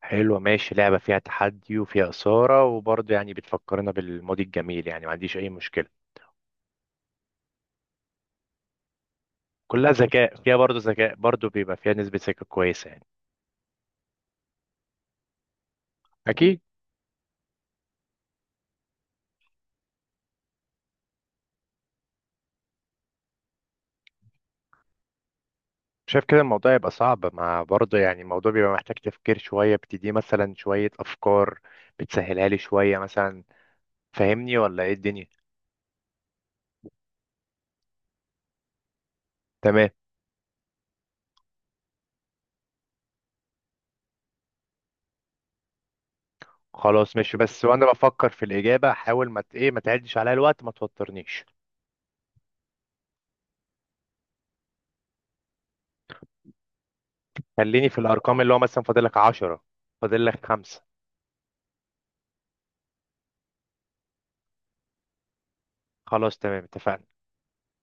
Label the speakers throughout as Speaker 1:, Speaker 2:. Speaker 1: حلوة، ماشي. لعبة فيها تحدي وفيها إثارة وبرضه يعني بتفكرنا بالماضي الجميل، يعني ما عنديش أي مشكلة. كلها ذكاء، فيها برضه ذكاء، برضه بيبقى فيها نسبة ذكاء كويسة يعني. أكيد. شايف كده؟ الموضوع يبقى صعب، مع برضه يعني الموضوع بيبقى محتاج تفكير شوية. بتدي مثلا شوية أفكار، بتسهلها لي شوية مثلا؟ فاهمني ولا إيه الدنيا؟ تمام. خلاص ماشي، بس وأنا بفكر في الإجابة حاول ما ت- إيه ما تعدش عليا الوقت، ما توترنيش. خليني في الأرقام، اللي هو مثلا فاضلك عشرة، فاضلك خمسة. خلاص تمام، اتفقنا.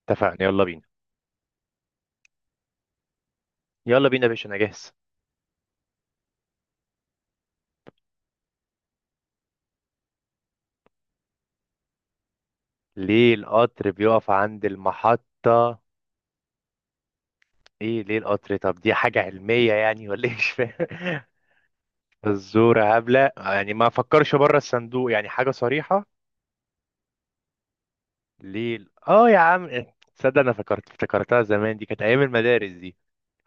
Speaker 1: اتفقنا، يلا بينا. يلا بينا يا باشا، انا جاهز. ليه القطر بيقف عند المحطة؟ ايه ليه القطر؟ طب دي حاجة علمية يعني ولا ايه؟ مش فاهم. الزورة هبلة يعني، ما فكرش بره الصندوق، يعني حاجة صريحة. ليه ال- اه يا عم، تصدق انا فكرت افتكرتها زمان، دي كانت ايام المدارس دي.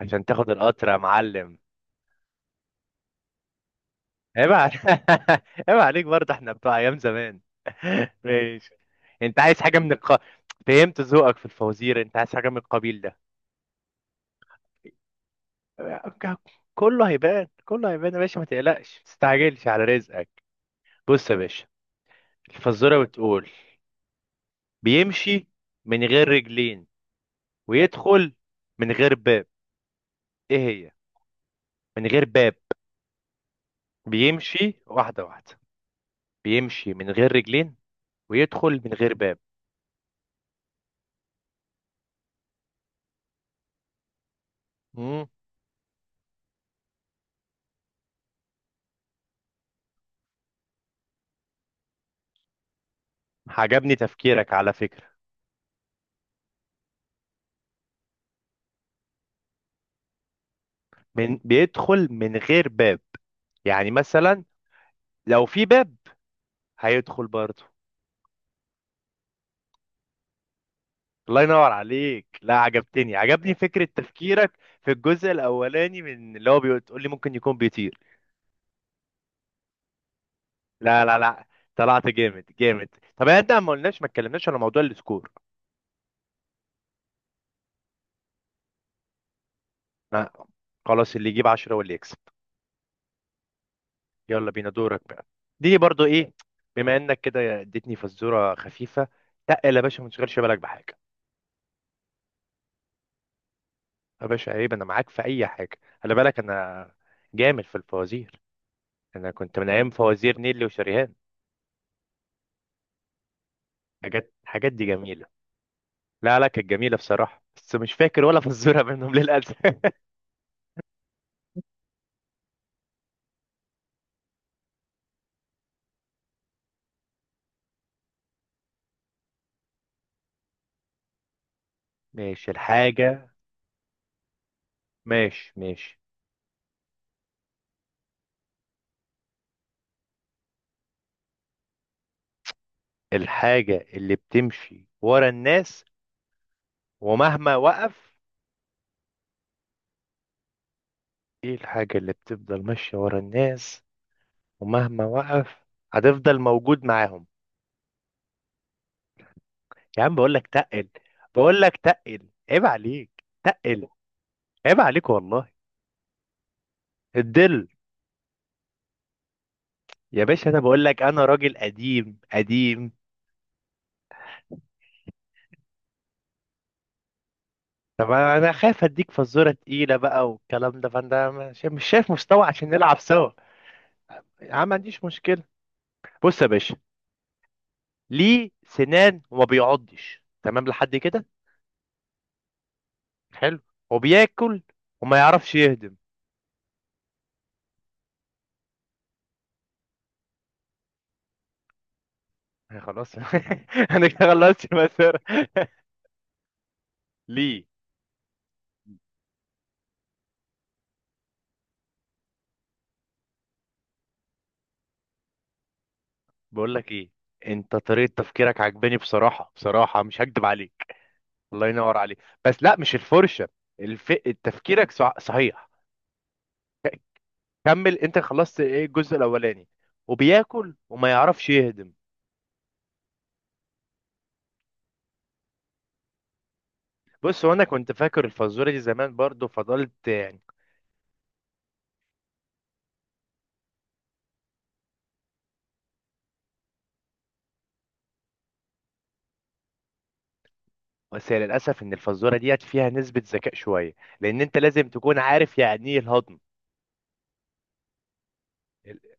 Speaker 1: عشان تاخد القطر يا معلم. عيب عليك. عيب عليك، برضه احنا بتوع ايام زمان. ماشي. انت عايز حاجة من الق. فهمت ذوقك في الفوازير، انت عايز حاجة من القبيل ده. ك- كله هيبان، كله هيبان يا باشا، ما تقلقش، ما تستعجلش على رزقك. بص يا باشا، الفزورة بتقول: بيمشي من غير رجلين، ويدخل من غير باب. ايه هي؟ من غير باب. بيمشي واحدة واحدة. بيمشي من غير رجلين، ويدخل من غير باب. امم. عجبني تفكيرك على فكرة. من بيدخل من غير باب؟ يعني مثلا لو في باب هيدخل برضه. الله ينور عليك. لا، عجبتني، عجبني فكرة تفكيرك في الجزء الأولاني من اللي هو بتقول لي ممكن يكون بيطير. لا لا لا، طلعت جامد جامد. طب يعني انت، ما قلناش، ما اتكلمناش على موضوع السكور. لا. خلاص، اللي يجيب 10 واللي يكسب. يلا بينا، دورك بقى. دي برضو ايه؟ بما انك كده اديتني فزورة خفيفة، تقل يا باشا، ما تشغلش بالك بحاجة. يا باشا عيب، انا معاك في اي حاجة، خلي بالك انا جامد في الفوازير. انا كنت من ايام فوازير نيلي وشريهان. حاجات، حاجات دي جميلة. لا لا، كانت جميلة بصراحة، بس مش فاكر ولا فزورة منهم للأسف. ماشي الحاجة. ماشي ماشي، الحاجة اللي بتمشي ورا الناس ومهما وقف. ايه الحاجة اللي بتفضل ماشية ورا الناس، ومهما وقف هتفضل موجود معاهم. يا عم بقول لك تقل، بقول لك تقل، عيب عليك تقل، عيب عليك والله. الدل. يا باشا انا بقول لك، انا راجل قديم قديم. طب انا خايف اديك فزوره تقيله بقى والكلام ده، فانا مش شايف مستوى عشان نلعب سوا. يا عم، ما عنديش مشكله. بص يا باشا، ليه سنان وما بيعضش؟ تمام لحد كده. حلو. وبياكل وما يعرفش يهضم. آه، خلاص. انا كده خلصت المسيره. ليه؟ بقول لك ايه، انت طريقه تفكيرك عجباني بصراحه بصراحه، مش هكدب عليك. الله ينور عليك. بس لا، مش الفرشه. الف. تفكيرك صح. صحيح. كمل، انت خلصت ايه الجزء الاولاني. وبياكل وما يعرفش يهضم. بص وانا كنت فاكر الفزوره دي زمان برضو، فضلت يعني. بس هي للاسف ان الفزوره ديت فيها نسبه ذكاء شويه، لان انت لازم تكون عارف يعني ايه الهضم. ال-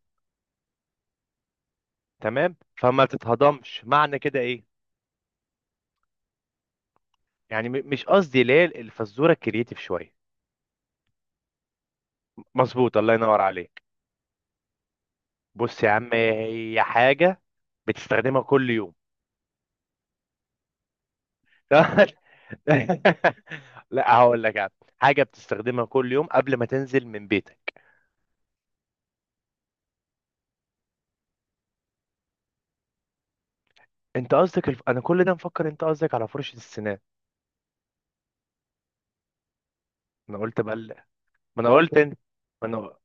Speaker 1: تمام، فما تتهضمش، معنى كده ايه؟ مش قصدي. ليه الفزوره كرييتيف شويه. مظبوط، الله ينور عليك. بص يا عم، هي حاجه بتستخدمها كل يوم. لا، هقول لك يعني. حاجه بتستخدمها كل يوم قبل ما تنزل من بيتك. انت قصدك الف. انا كل ده مفكر انت قصدك على فرشه السنان. انا قلت بقى، ما انا قلت انت، ما انا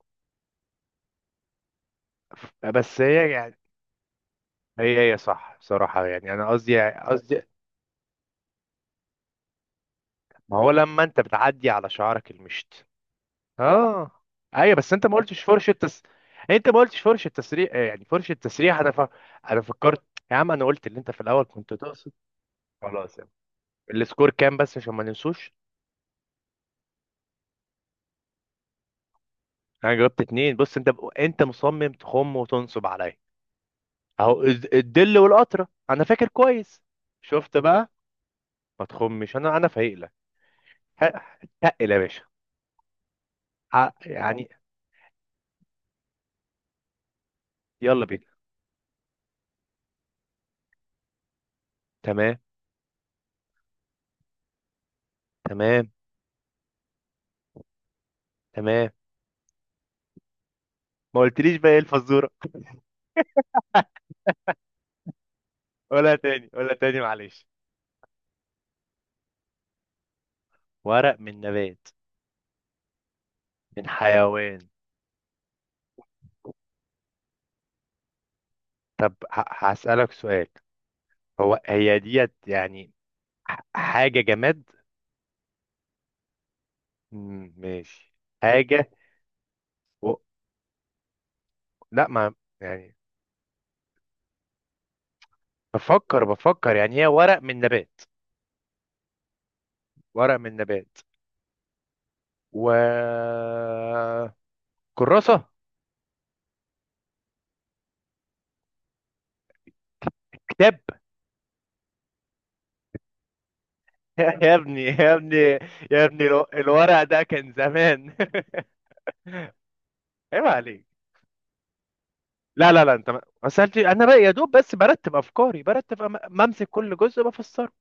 Speaker 1: بس هي يعني، هي صح صراحه يعني، انا قصدي يعني، قصدي. ما هو لما انت بتعدي على شعرك المشط. اه. ايوه، بس انت ما قلتش فرشه تس. انت ما قلتش فرشه تسريح، يعني فرشه تسريح انا ف. انا فكرت. يا عم انا قلت اللي انت في الاول كنت تقصد. خلاص يعني. السكور كام بس عشان ما ننسوش؟ انا جاوبت اتنين. بص انت انت مصمم تخم وتنصب عليا. اهو الدل والقطره، انا فاكر كويس. شفت بقى؟ ما تخمش، انا فايق لك. ه- تقل يا باشا. ع- يعني يلا بينا. تمام. تمام. تمام. ما قلتليش بقى ايه الفزوره؟ ولا تاني ولا تاني معلش. ورق من نبات. من حيوان. طب هسألك سؤال، هو هي ديت يعني حاجه جماد؟ مم، ماشي. حاجه. و. لا ما يعني. بفكر بفكر يعني، هي ورق من نبات. ورق من نبات، و. كراسة. كتاب. يا ابني، يا ابني. يا ابني الورق ده كان زمان. عيب عليك. لا لا لا، انت ما سألتش، انا بقى يا دوب بس برتب افكاري، بمسك كل جزء بفسره.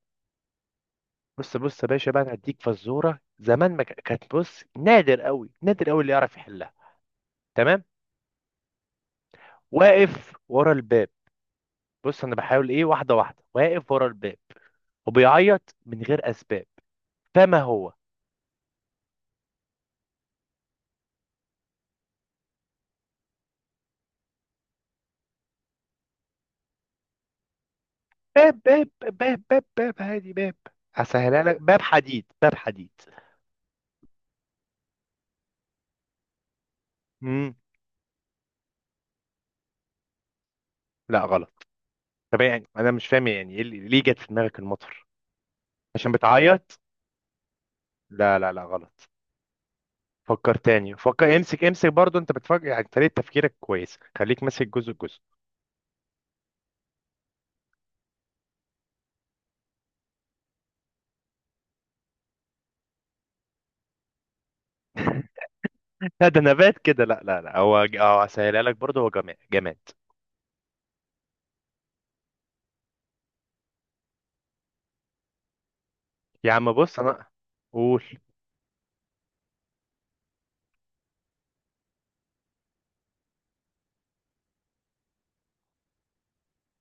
Speaker 1: بص بص يا باشا بقى، انا هديك فزوره زمان ما كانت. بص نادر قوي، نادر قوي اللي يعرف يحلها. تمام. واقف ورا الباب. بص انا بحاول، ايه، واحده واحده. واقف ورا الباب، وبيعيط من غير اسباب. فما هو. باب باب باب باب باب، هادي باب. هسهلها لك، باب حديد، باب حديد. امم. لا، غلط. طب يعني انا مش فاهم، يعني ايه ليه جت في دماغك المطر؟ عشان بتعيط. لا لا لا، غلط. فكر تاني، فكر امسك امسك برضو. انت بتفكر يعني طريقة تفكيرك كويس، خليك ماسك جزء جزء. لا ده نبات كده. لا لا لا، هو هسهلها لك برضو. هو جماد جماد. يا عم بص انا. قول.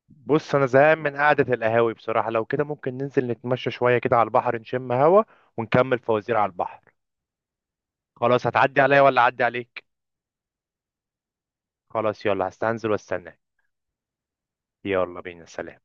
Speaker 1: بص انا زهقان من قعده القهاوي بصراحه، لو كده ممكن ننزل نتمشى شويه كده على البحر، نشم هوا، ونكمل فوازير على البحر. خلاص. هتعدي عليا ولا اعدي عليك؟ خلاص يلا، هستنزل واستناك. يلا بينا، سلام.